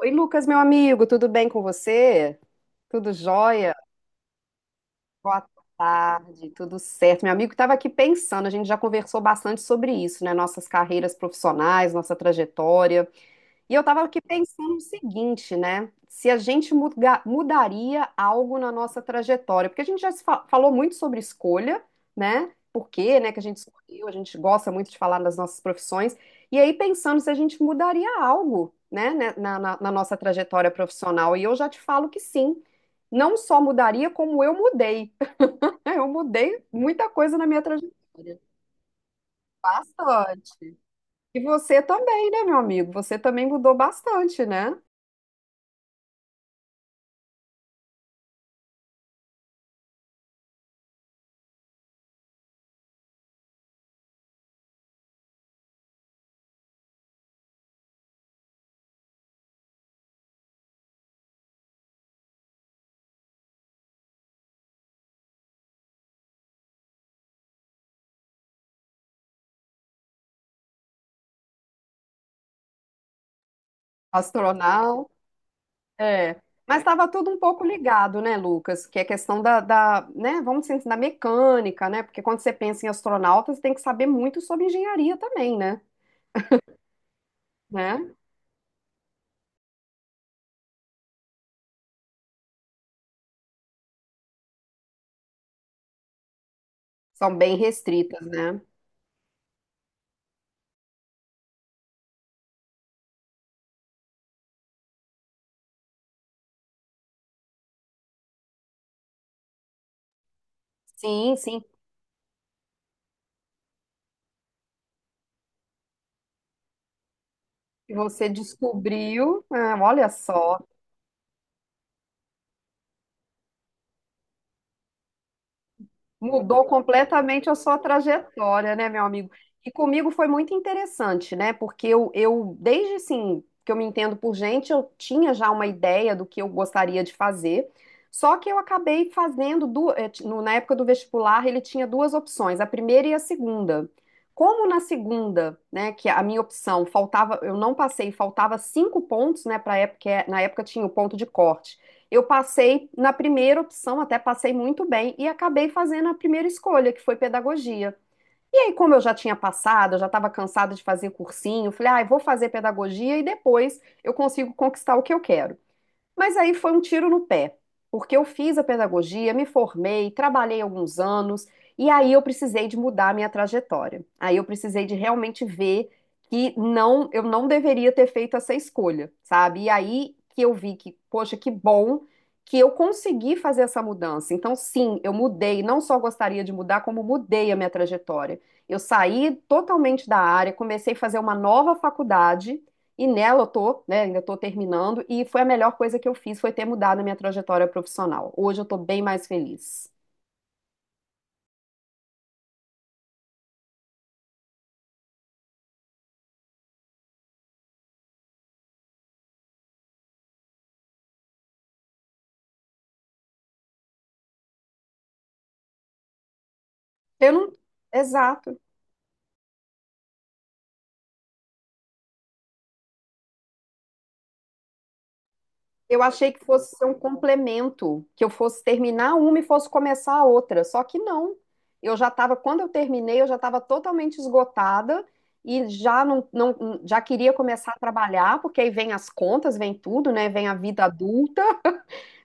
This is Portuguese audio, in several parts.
Oi, Lucas, meu amigo, tudo bem com você? Tudo jóia? Boa tarde, tudo certo. Meu amigo estava aqui pensando, a gente já conversou bastante sobre isso, né? Nossas carreiras profissionais, nossa trajetória. E eu estava aqui pensando o seguinte, né? Se a gente mudaria algo na nossa trajetória, porque a gente já se falou muito sobre escolha, né? Por quê, né, que a gente escolheu, a gente gosta muito de falar das nossas profissões. E aí pensando se a gente mudaria algo, né, na nossa trajetória profissional. E eu já te falo que sim. Não só mudaria, como eu mudei. Eu mudei muita coisa na minha trajetória. Bastante. E você também, né, meu amigo? Você também mudou bastante, né? Astronauta, é. Mas estava tudo um pouco ligado, né, Lucas? Que é questão da, né, vamos dizer assim, da mecânica, né? Porque quando você pensa em astronautas, você tem que saber muito sobre engenharia também, né? Né? São bem restritas, né? Sim, sim. E você descobriu, ah, olha só. Mudou completamente a sua trajetória, né, meu amigo? E comigo foi muito interessante, né? Porque eu desde assim, que eu me entendo por gente, eu tinha já uma ideia do que eu gostaria de fazer. Só que eu acabei fazendo, na época do vestibular, ele tinha duas opções, a primeira e a segunda. Como na segunda, né, que a minha opção faltava, eu não passei, faltava cinco pontos, né, para época, na época tinha o ponto de corte. Eu passei na primeira opção, até passei muito bem, e acabei fazendo a primeira escolha, que foi pedagogia. E aí, como eu já tinha passado, eu já estava cansada de fazer cursinho, falei, ah, eu vou fazer pedagogia e depois eu consigo conquistar o que eu quero. Mas aí foi um tiro no pé, porque eu fiz a pedagogia, me formei, trabalhei alguns anos, e aí eu precisei de mudar a minha trajetória. Aí eu precisei de realmente ver que não, eu não deveria ter feito essa escolha, sabe? E aí que eu vi que, poxa, que bom que eu consegui fazer essa mudança. Então, sim, eu mudei, não só gostaria de mudar, como mudei a minha trajetória. Eu saí totalmente da área, comecei a fazer uma nova faculdade e nela eu tô, né, ainda tô terminando, e foi a melhor coisa que eu fiz, foi ter mudado a minha trajetória profissional. Hoje eu tô bem mais feliz. Eu não, exato. Eu achei que fosse ser um complemento, que eu fosse terminar uma e fosse começar a outra, só que não. Eu já estava, quando eu terminei, eu já estava totalmente esgotada e já não, não, já queria começar a trabalhar, porque aí vem as contas, vem tudo, né, vem a vida adulta.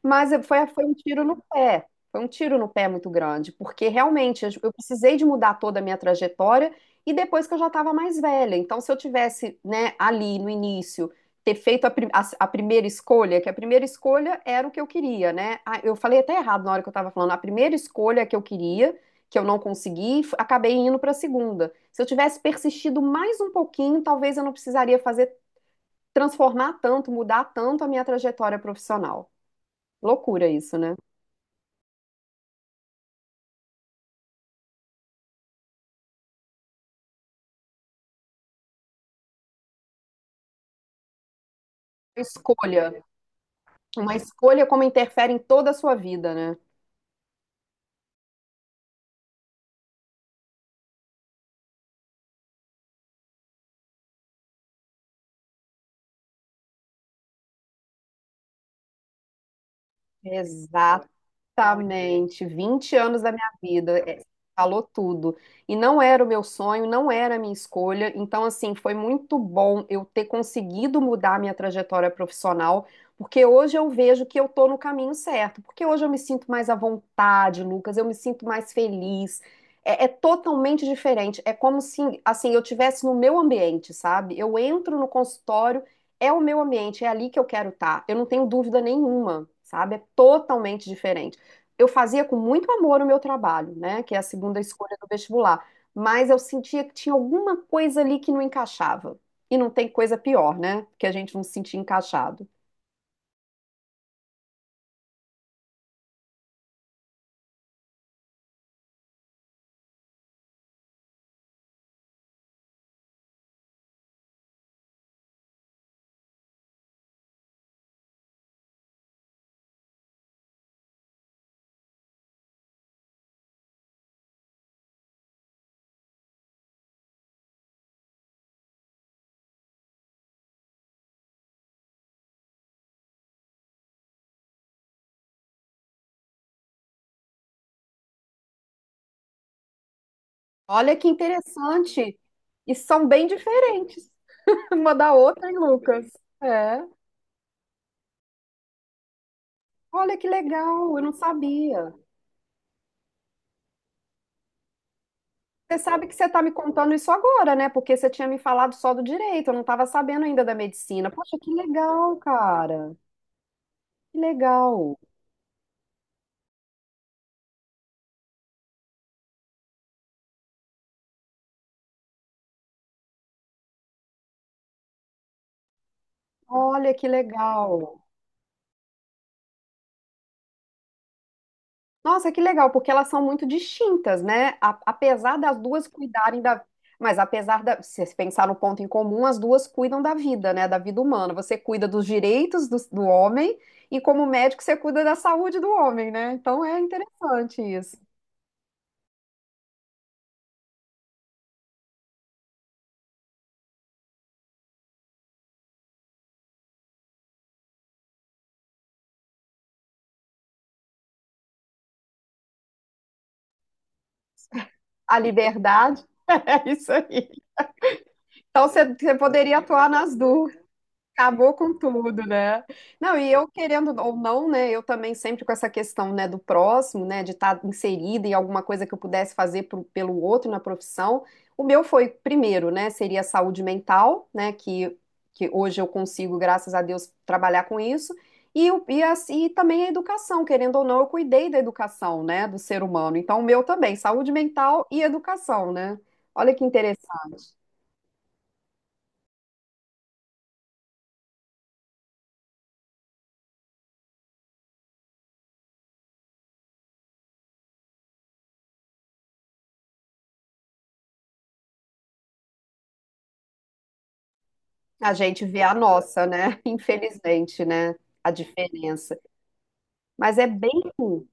Foi um tiro no pé. Foi um tiro no pé muito grande, porque realmente eu precisei de mudar toda a minha trajetória e depois que eu já estava mais velha. Então, se eu tivesse, né, ali no início, ter feito a primeira escolha, que a primeira escolha era o que eu queria, né? Ah, eu falei até errado na hora que eu estava falando, a primeira escolha que eu queria, que eu não consegui, acabei indo para a segunda. Se eu tivesse persistido mais um pouquinho, talvez eu não precisaria fazer, transformar tanto, mudar tanto a minha trajetória profissional. Loucura isso, né? Escolha. Uma escolha como interfere em toda a sua vida, né? Exatamente. 20 anos da minha vida. É, falou tudo. E não era o meu sonho, não era a minha escolha. Então, assim, foi muito bom eu ter conseguido mudar a minha trajetória profissional, porque hoje eu vejo que eu tô no caminho certo. Porque hoje eu me sinto mais à vontade, Lucas, eu me sinto mais feliz. É, é totalmente diferente. É como se, assim, eu tivesse no meu ambiente, sabe? Eu entro no consultório. É o meu ambiente, é ali que eu quero estar. Eu não tenho dúvida nenhuma, sabe? É totalmente diferente. Eu fazia com muito amor o meu trabalho, né? Que é a segunda escolha do vestibular. Mas eu sentia que tinha alguma coisa ali que não encaixava. E não tem coisa pior, né? Que a gente não se sentir encaixado. Olha que interessante. E são bem diferentes uma da outra, hein, Lucas? É. Olha que legal, eu não sabia. Você sabe que você está me contando isso agora, né? Porque você tinha me falado só do direito, eu não estava sabendo ainda da medicina. Poxa, que legal, cara. Que legal. Olha que legal. Nossa, que legal, porque elas são muito distintas, né? Apesar das duas cuidarem da. Mas apesar da. Se você pensar no ponto em comum, as duas cuidam da vida, né? Da vida humana. Você cuida dos direitos do homem e, como médico, você cuida da saúde do homem, né? Então é interessante isso. A liberdade. É isso aí. Então você poderia atuar nas duas. Acabou com tudo, né? Não, e eu querendo ou não, né? Eu também sempre com essa questão, né, do próximo, né, de estar inserida em alguma coisa que eu pudesse fazer pelo outro na profissão. O meu foi primeiro, né? Seria a saúde mental, né? Que hoje eu consigo, graças a Deus, trabalhar com isso. E, assim, e também a educação, querendo ou não, eu cuidei da educação, né, do ser humano. Então, o meu também, saúde mental e educação, né? Olha que interessante. A gente vê a nossa, né? Infelizmente, né? A diferença. Mas é bem ruim,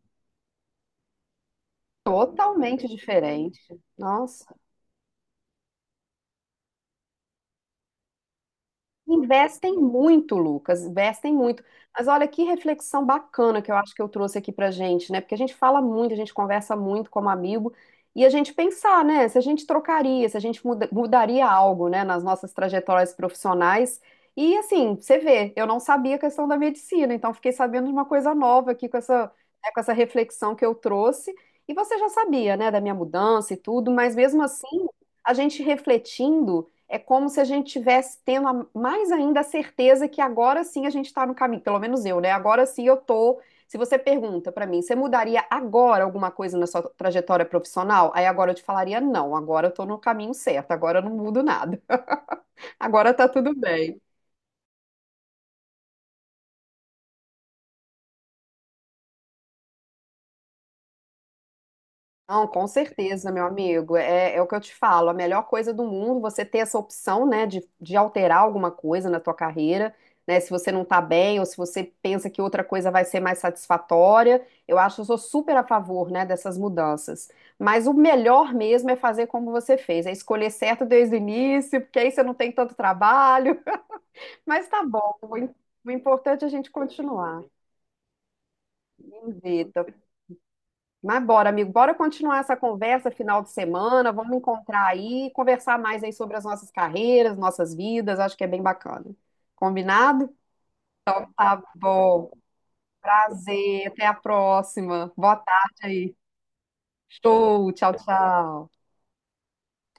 totalmente diferente. Nossa. Investem muito, Lucas, investem muito. Mas olha que reflexão bacana que eu acho que eu trouxe aqui pra gente, né? Porque a gente fala muito, a gente conversa muito como amigo, e a gente pensar, né? Se a gente trocaria, se a gente mudaria algo, né, nas nossas trajetórias profissionais. E assim, você vê, eu não sabia a questão da medicina, então fiquei sabendo de uma coisa nova aqui com essa, né, com essa reflexão que eu trouxe. E você já sabia, né, da minha mudança e tudo, mas mesmo assim, a gente refletindo é como se a gente tivesse tendo mais ainda a certeza que agora sim a gente está no caminho, pelo menos eu, né? Agora sim eu tô. Se você pergunta pra mim, você mudaria agora alguma coisa na sua trajetória profissional? Aí agora eu te falaria, não, agora eu tô no caminho certo, agora eu não mudo nada. Agora tá tudo bem. Não, com certeza, meu amigo. É, é o que eu te falo. A melhor coisa do mundo, você ter essa opção, né, de alterar alguma coisa na tua carreira, né? Se você não tá bem ou se você pensa que outra coisa vai ser mais satisfatória, eu acho que eu sou super a favor, né, dessas mudanças. Mas o melhor mesmo é fazer como você fez, é escolher certo desde o início, porque aí você não tem tanto trabalho. Mas tá bom. O importante é a gente continuar. Invita. Mas bora, amigo, bora continuar essa conversa final de semana, vamos encontrar aí, conversar mais aí sobre as nossas carreiras, nossas vidas, acho que é bem bacana. Combinado? Tá bom, prazer, até a próxima. Boa tarde aí. Show, tchau, tchau.